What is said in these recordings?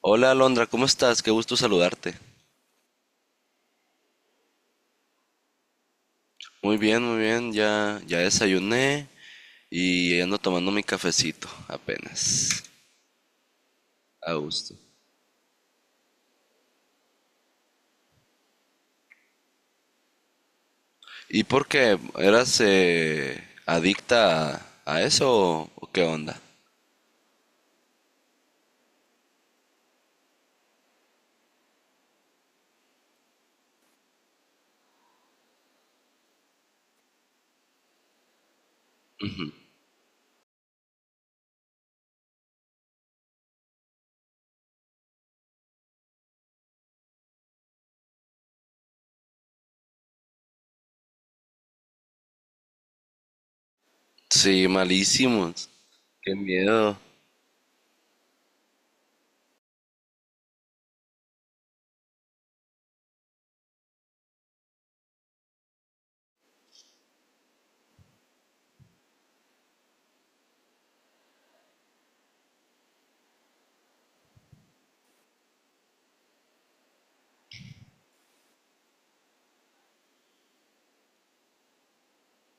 Hola Alondra, ¿cómo estás? Qué gusto saludarte. Muy bien, ya desayuné y ando tomando mi cafecito apenas. A gusto. ¿Y por qué? ¿Eras adicta a eso o qué onda? Ujú. Sí, malísimos. Qué miedo.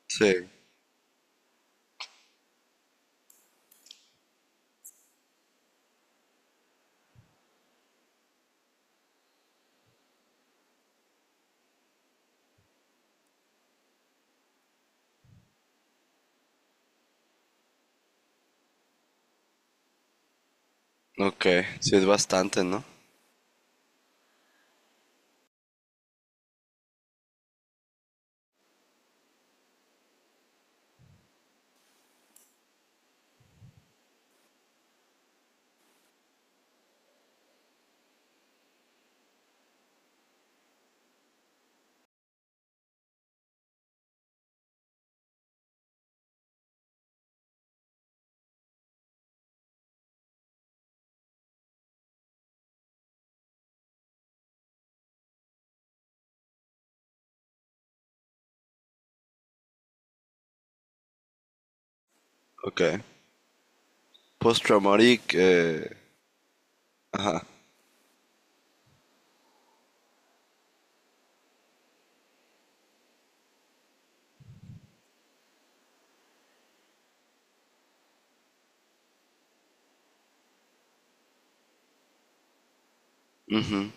Sí. Ok, sí es bastante, ¿no? Ok. Post-traumatic, ajá. Ujú.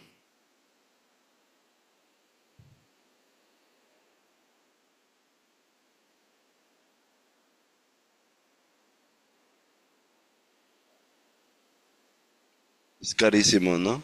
Es carísimo, ¿no?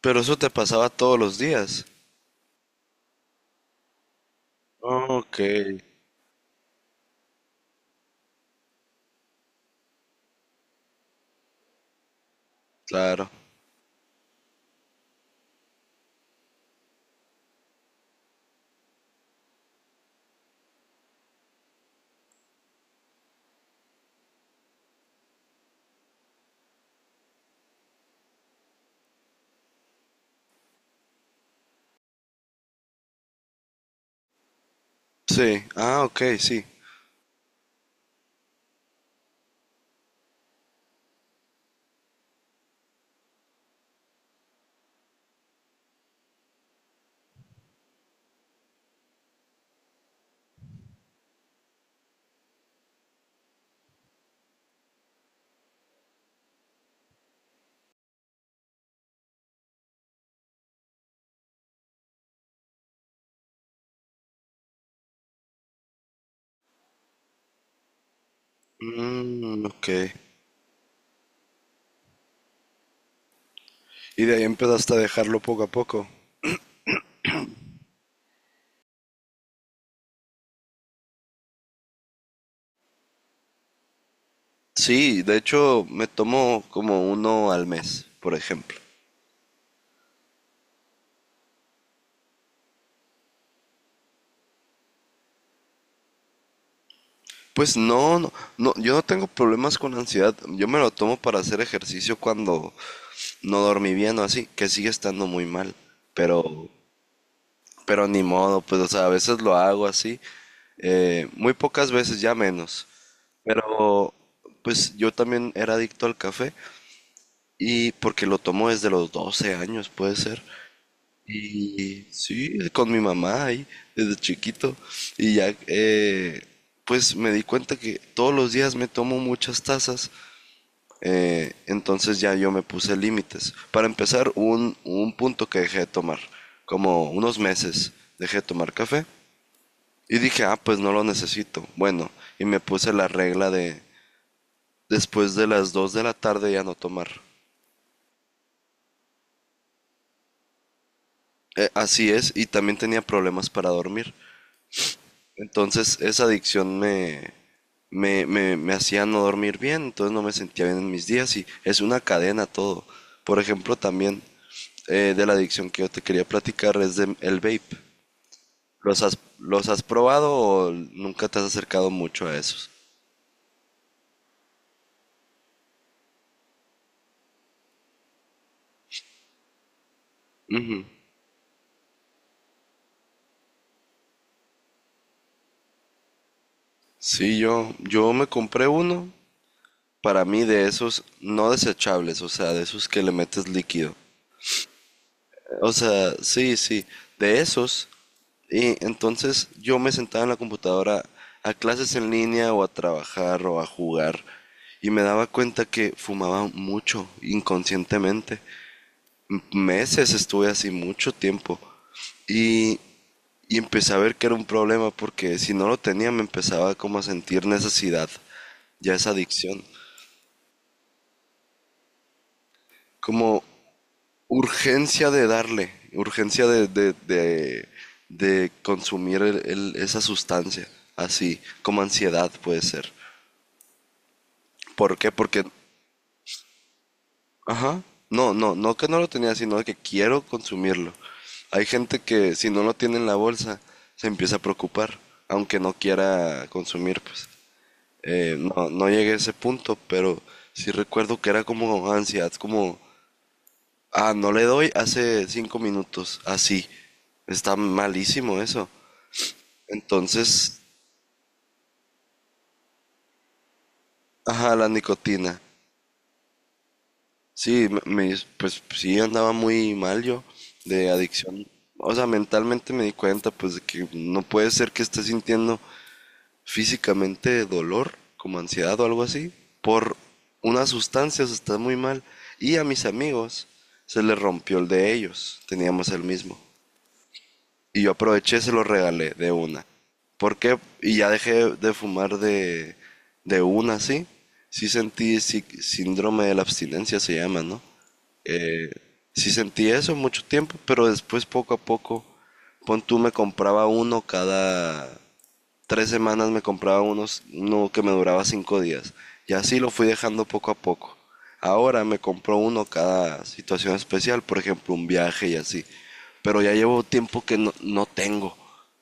Pero eso te pasaba todos los días. Ok. Claro. Sí. Ah, ok, sí. Mm, ok. Y de ahí empezaste a dejarlo poco a poco. Sí, de hecho me tomo como uno al mes, por ejemplo. Pues no, no, no, yo no tengo problemas con ansiedad. Yo me lo tomo para hacer ejercicio cuando no dormí bien o así, que sigue estando muy mal. Pero, pero ni modo, pues, o sea, a veces lo hago así. Muy pocas veces, ya menos. Pero, pues yo también era adicto al café. Y porque lo tomo desde los 12 años, puede ser. Y sí, con mi mamá ahí, desde chiquito. Y ya, pues me di cuenta que todos los días me tomo muchas tazas. Entonces ya yo me puse límites. Para empezar, un punto que dejé de tomar, como unos meses dejé de tomar café. Y dije, ah, pues no lo necesito. Bueno, y me puse la regla de después de las 2 de la tarde ya no tomar. Así es, y también tenía problemas para dormir. Entonces esa adicción me hacía no dormir bien, entonces no me sentía bien en mis días y es una cadena todo. Por ejemplo, también de la adicción que yo te quería platicar es de el vape. ¿Los has probado o nunca te has acercado mucho a esos? Ujú. Sí, yo me compré uno para mí de esos no desechables, o sea, de esos que le metes líquido. O sea, sí, sí, de esos. Y entonces yo me sentaba en la computadora a clases en línea o a trabajar o a jugar y me daba cuenta que fumaba mucho inconscientemente. Meses estuve así mucho tiempo y, y empecé a ver que era un problema porque si no lo tenía me empezaba como a sentir necesidad, ya esa adicción, como urgencia de darle, urgencia de consumir esa sustancia, así como ansiedad puede ser. ¿Por qué? Porque, ajá, no que no lo tenía, sino que quiero consumirlo. Hay gente que si no lo tiene en la bolsa, se empieza a preocupar, aunque no quiera consumir, pues. No, no llegué a ese punto, pero sí recuerdo que era como ansiedad, como, ah, no le doy hace 5 minutos, así. Está malísimo eso. Entonces, ajá, la nicotina. Sí, pues sí andaba muy mal yo de adicción. O sea, mentalmente me di cuenta pues de que no puede ser que esté sintiendo físicamente dolor, como ansiedad o algo así, por unas sustancias, está muy mal. Y a mis amigos se les rompió el de ellos, teníamos el mismo. Y yo aproveché y se los regalé de una. ¿Por qué? Y ya dejé de fumar de una, ¿sí? Sí sentí síndrome de la abstinencia, se llama, ¿no? Eh, sí sentí eso mucho tiempo, pero después poco a poco, pon tú me compraba uno cada 3 semanas me compraba unos, uno que me duraba 5 días. Y así lo fui dejando poco a poco. Ahora me compro uno cada situación especial, por ejemplo, un viaje y así. Pero ya llevo tiempo que no, no tengo.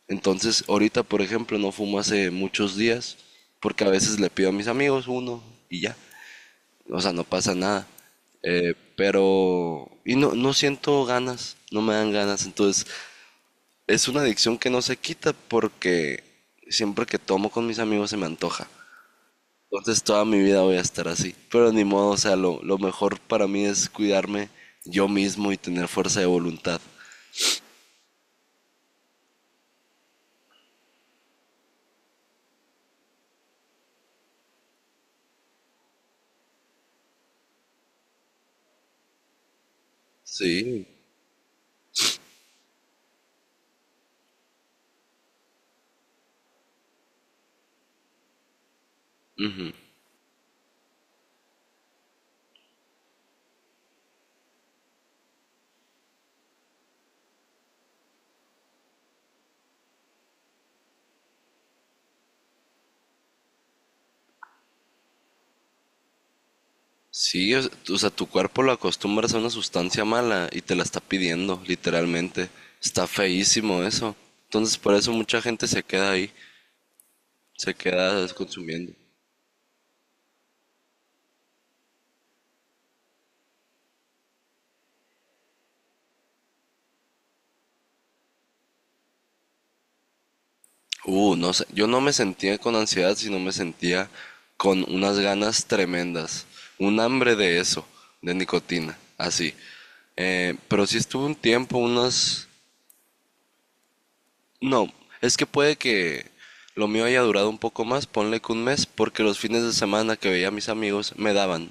Entonces, ahorita, por ejemplo, no fumo hace muchos días, porque a veces le pido a mis amigos uno y ya. O sea, no pasa nada. Y no, no siento ganas, no me dan ganas. Entonces, es una adicción que no se quita porque siempre que tomo con mis amigos se me antoja. Entonces toda mi vida voy a estar así. Pero ni modo, o sea, lo mejor para mí es cuidarme yo mismo y tener fuerza de voluntad. Sí. Ujú. Sí, o sea, o sea, tu cuerpo lo acostumbras a una sustancia mala y te la está pidiendo, literalmente. Está feísimo eso. Entonces por eso mucha gente se queda ahí, se queda consumiendo. No sé, yo no me sentía con ansiedad, sino me sentía con unas ganas tremendas, un hambre de eso, de nicotina, así. Pero sí estuve un tiempo, unas... No, es que puede que lo mío haya durado un poco más, ponle que un mes, porque los fines de semana que veía a mis amigos me daban,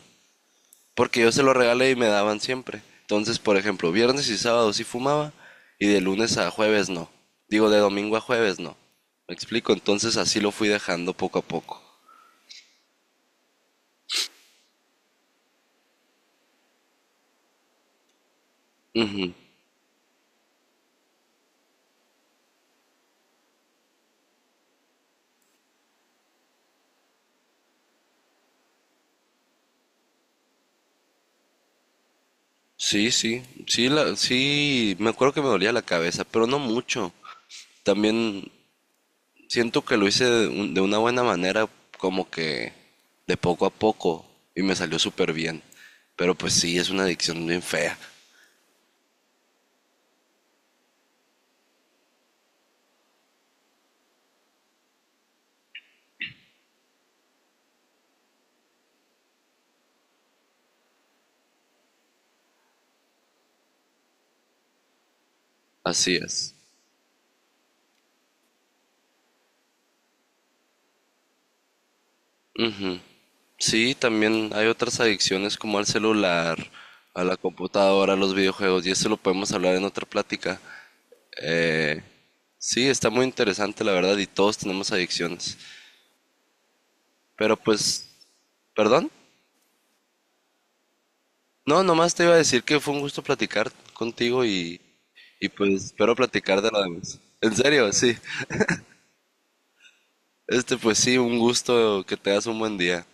porque yo se lo regalé y me daban siempre. Entonces, por ejemplo, viernes y sábado sí fumaba y de lunes a jueves no. Digo, de domingo a jueves no. ¿Me explico? Entonces así lo fui dejando poco a poco. Ujú. Sí, sí, sí, la, sí, me acuerdo que me dolía la cabeza, pero no mucho. También siento que lo hice de, de una buena manera, como que de poco a poco, y me salió súper bien. Pero pues sí, es una adicción bien fea. Así es. Ujú. Sí, también hay otras adicciones como al celular, a la computadora, a los videojuegos, y eso lo podemos hablar en otra plática. Eh, sí, está muy interesante la verdad, y todos tenemos adicciones. Pero pues, ¿perdón? No, nomás te iba a decir que fue un gusto platicar contigo y pues espero platicar de lo demás. En serio, sí. Este, pues sí, un gusto, que te das un buen día.